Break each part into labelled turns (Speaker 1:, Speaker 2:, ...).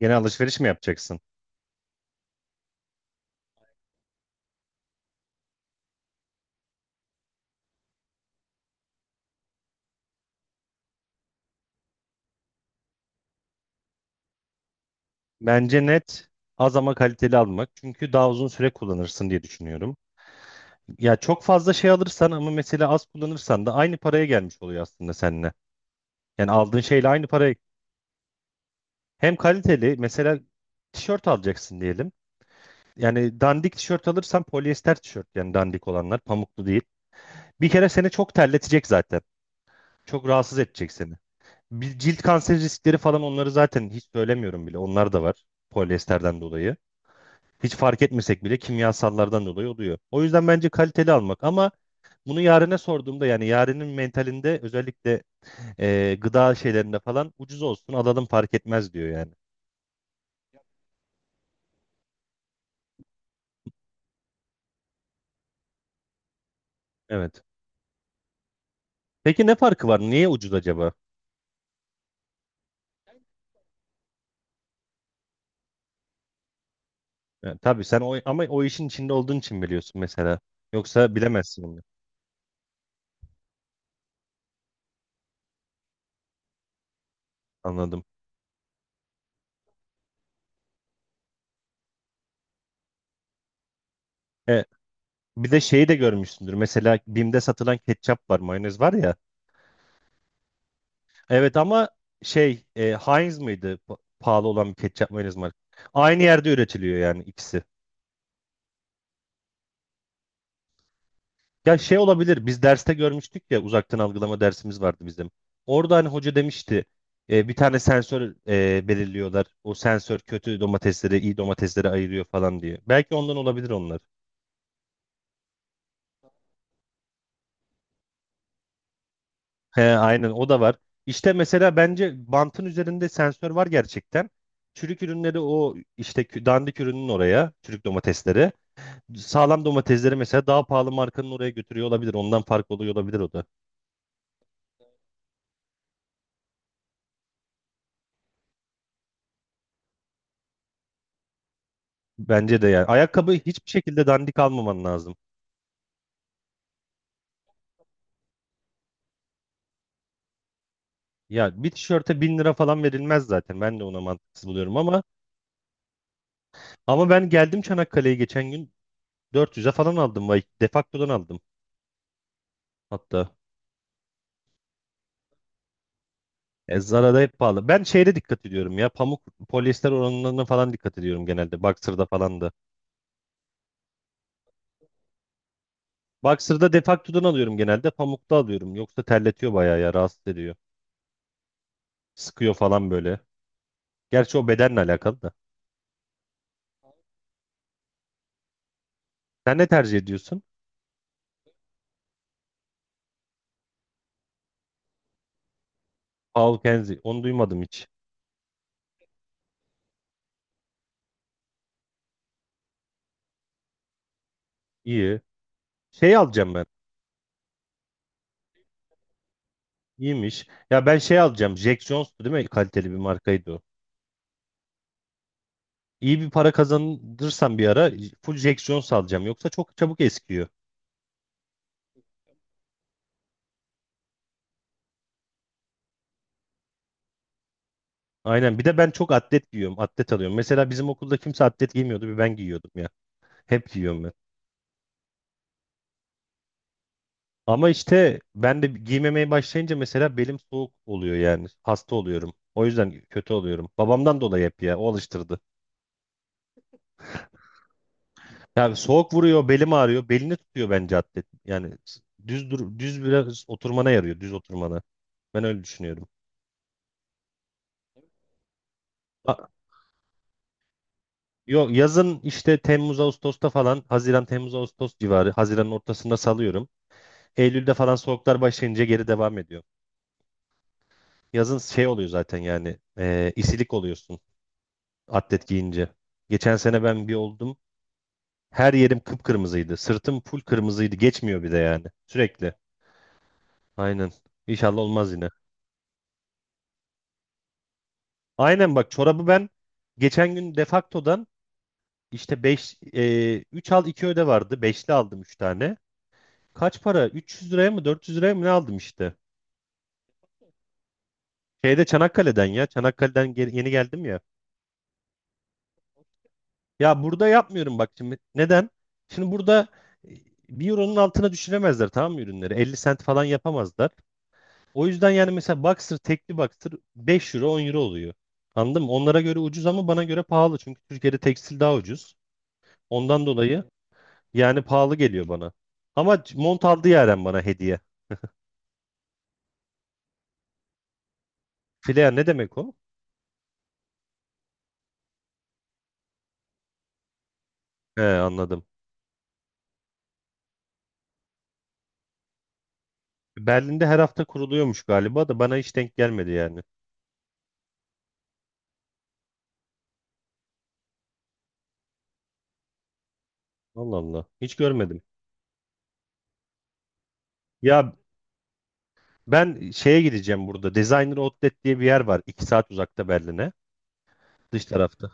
Speaker 1: Yeni alışveriş mi yapacaksın? Bence net az ama kaliteli almak. Çünkü daha uzun süre kullanırsın diye düşünüyorum. Ya çok fazla şey alırsan ama mesela az kullanırsan da aynı paraya gelmiş oluyor aslında seninle. Yani aldığın şeyle aynı paraya. Hem kaliteli mesela tişört alacaksın diyelim. Yani dandik tişört alırsan polyester tişört yani dandik olanlar pamuklu değil. Bir kere seni çok terletecek zaten. Çok rahatsız edecek seni. Bir cilt kanseri riskleri falan onları zaten hiç söylemiyorum bile. Onlar da var polyesterden dolayı. Hiç fark etmesek bile kimyasallardan dolayı oluyor. O yüzden bence kaliteli almak ama bunu yarına sorduğumda yani yarının mentalinde özellikle gıda şeylerinde falan ucuz olsun alalım fark etmez diyor yani. Evet. Peki ne farkı var? Niye ucuz acaba? Yani tabii sen o, ama o işin içinde olduğun için biliyorsun mesela. Yoksa bilemezsin onu. Anladım. E, bir de şeyi de görmüşsündür. Mesela Bim'de satılan ketçap var, mayonez var ya. Evet ama şey Heinz mıydı? Pahalı olan bir ketçap mayonez marka. Aynı yerde üretiliyor yani ikisi. Ya şey olabilir biz derste görmüştük ya uzaktan algılama dersimiz vardı bizim. Orada hani hoca demişti bir tane sensör belirliyorlar. O sensör kötü domatesleri iyi domatesleri ayırıyor falan diye. Belki ondan olabilir onlar. He, aynen o da var. İşte mesela bence bantın üzerinde sensör var gerçekten. Çürük ürünleri o işte dandik ürünün oraya çürük domatesleri. Sağlam domatesleri mesela daha pahalı markanın oraya götürüyor olabilir. Ondan fark oluyor olabilir o da. Bence de yani. Ayakkabı hiçbir şekilde dandik almaman lazım. Ya bir tişörte 1.000 lira falan verilmez zaten. Ben de ona mantıksız buluyorum ama ben geldim Çanakkale'ye geçen gün 400'e falan aldım. Vay, Defakto'dan aldım hatta. E, Zara'da hep pahalı. Ben şeyde dikkat ediyorum ya. Pamuk polyester oranlarına falan dikkat ediyorum genelde. Boxer'da falan da. Boxer'da Defakto'dan alıyorum genelde. Pamukta alıyorum. Yoksa terletiyor bayağı ya. Rahatsız ediyor. Sıkıyor falan böyle. Gerçi o bedenle alakalı da. Sen ne tercih ediyorsun? Paul Kenzie. Onu duymadım hiç. İyi. Şey alacağım ben. İyiymiş. Ya ben şey alacağım. Jack Jones'tu değil mi? Kaliteli bir markaydı o. İyi bir para kazanırsam bir ara full Jack Jones alacağım. Yoksa çok çabuk eskiyor. Aynen. Bir de ben çok atlet giyiyorum. Atlet alıyorum. Mesela bizim okulda kimse atlet giymiyordu. Bir ben giyiyordum ya. Hep giyiyorum ben. Ama işte ben de giymemeye başlayınca mesela belim soğuk oluyor yani. Hasta oluyorum. O yüzden kötü oluyorum. Babamdan dolayı hep ya. O alıştırdı. Yani soğuk vuruyor, belim ağrıyor. Belini tutuyor bence atlet. Yani düz dur, düz biraz oturmana yarıyor, düz oturmana. Ben öyle düşünüyorum. A- Yok, yazın işte Temmuz Ağustos'ta falan Haziran Temmuz Ağustos civarı Haziran'ın ortasında salıyorum. Eylül'de falan soğuklar başlayınca geri devam ediyor. Yazın şey oluyor zaten yani isilik oluyorsun atlet giyince. Geçen sene ben bir oldum. Her yerim kıpkırmızıydı. Sırtım full kırmızıydı. Geçmiyor bir de yani. Sürekli. Aynen. İnşallah olmaz yine. Aynen bak çorabı ben geçen gün Defakto'dan işte 5 3 al 2 öde vardı. 5'li aldım 3 tane. Kaç para? 300 liraya mı 400 liraya mı ne aldım işte. Şeyde Çanakkale'den ya. Çanakkale'den yeni geldim ya. Ya burada yapmıyorum bak şimdi. Neden? Şimdi burada e, bir euronun altına düşüremezler tamam mı ürünleri? 50 sent falan yapamazlar. O yüzden yani mesela Boxer tekli Boxer 5 euro 10 euro oluyor. Anladın mı? Onlara göre ucuz ama bana göre pahalı. Çünkü Türkiye'de tekstil daha ucuz. Ondan dolayı yani pahalı geliyor bana. Ama mont aldı Yaren bana hediye. Flair ne demek o? He, anladım. Berlin'de her hafta kuruluyormuş galiba da bana hiç denk gelmedi yani. Allah Allah. Hiç görmedim. Ya ben şeye gideceğim burada. Designer Outlet diye bir yer var. İki saat uzakta Berlin'e. Dış tarafta.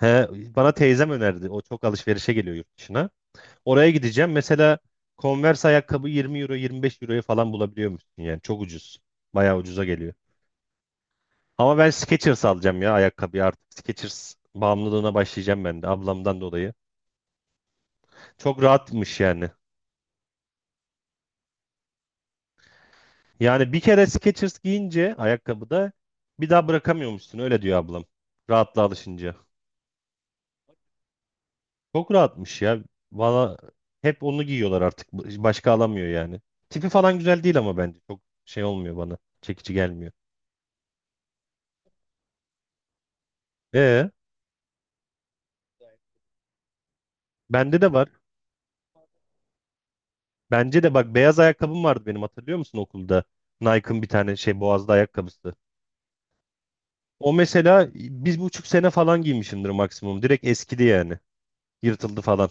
Speaker 1: He, bana teyzem önerdi. O çok alışverişe geliyor yurt dışına. Oraya gideceğim. Mesela Converse ayakkabı 20 euro 25 euroya falan bulabiliyormuşsun yani. Çok ucuz. Bayağı ucuza geliyor. Ama ben Skechers alacağım ya ayakkabıyı artık. Skechers bağımlılığına başlayacağım ben de ablamdan dolayı. Çok rahatmış yani. Yani bir kere Skechers giyince ayakkabıda bir daha bırakamıyormuşsun öyle diyor ablam. Rahatla alışınca. Çok rahatmış ya. Valla hep onu giyiyorlar artık. Başka alamıyor yani. Tipi falan güzel değil ama bence. Çok şey olmuyor bana. Çekici gelmiyor. E, bende de var. Bence de bak beyaz ayakkabım vardı benim hatırlıyor musun okulda? Nike'ın bir tane şey boğazlı ayakkabısı. O mesela bir buçuk sene falan giymişimdir maksimum. Direkt eskidi yani. Yırtıldı falan.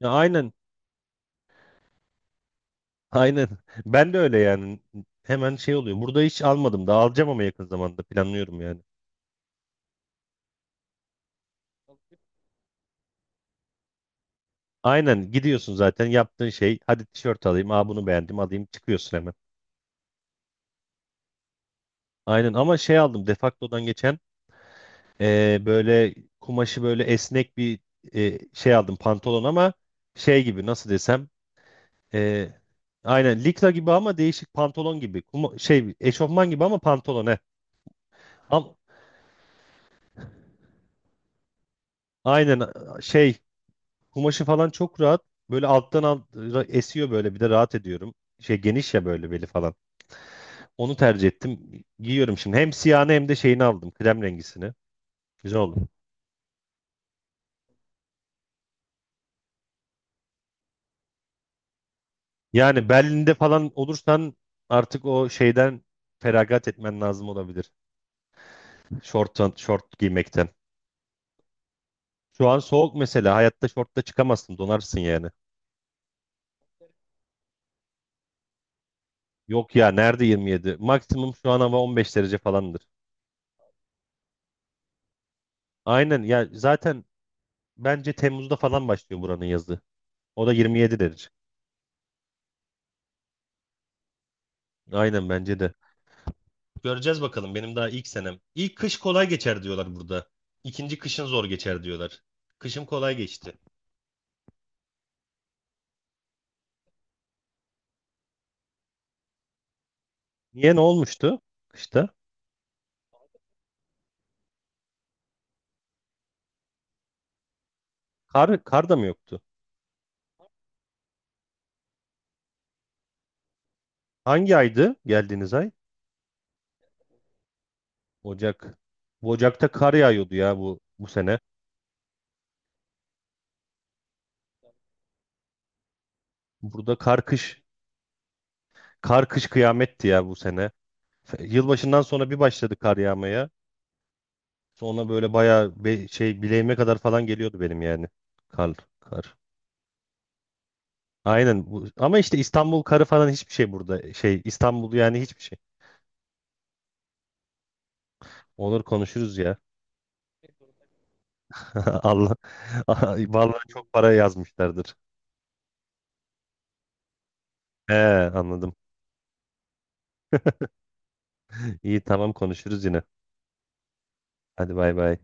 Speaker 1: Ya aynen. Aynen. Ben de öyle yani. Hemen şey oluyor. Burada hiç almadım da alacağım ama yakın zamanda planlıyorum yani. Aynen gidiyorsun zaten yaptığın şey. Hadi tişört alayım. Aa, bunu beğendim alayım. Çıkıyorsun hemen. Aynen ama şey aldım Defacto'dan geçen böyle kumaşı böyle esnek bir şey aldım pantolon ama şey gibi nasıl desem. Ee, aynen likra gibi ama değişik pantolon gibi. Şey eşofman gibi ama pantolon he. Am- aynen şey kumaşı falan çok rahat. Böyle alttan esiyor böyle bir de rahat ediyorum. Şey geniş ya böyle beli falan. Onu tercih ettim. Giyiyorum şimdi. Hem siyahını hem de şeyini aldım. Krem rengisini. Güzel oldu. Yani Berlin'de falan olursan artık o şeyden feragat etmen lazım olabilir. Şort, giymekten. Şu an soğuk mesela. Hayatta şortla çıkamazsın. Donarsın yani. Yok ya nerede 27? Maksimum şu an hava 15 derece falandır. Aynen ya zaten bence Temmuz'da falan başlıyor buranın yazı. O da 27 derece. Aynen bence de. Göreceğiz bakalım benim daha ilk senem. İlk kış kolay geçer diyorlar burada. İkinci kışın zor geçer diyorlar. Kışım kolay geçti. Niye ne olmuştu kışta? Kar, da mı yoktu? Hangi aydı geldiğiniz ay? Ocak. Bu Ocak'ta kar yağıyordu ya bu sene. Burada kar kış kıyametti ya bu sene. Yılbaşından sonra bir başladı kar yağmaya. Sonra böyle bayağı şey bileğime kadar falan geliyordu benim yani. Kar, kar. Aynen bu. Ama işte İstanbul karı falan hiçbir şey burada. Şey İstanbul yani hiçbir şey. Olur konuşuruz ya. Allah. Vallahi çok para yazmışlardır. He, anladım. İyi, tamam konuşuruz yine. Hadi bay bay.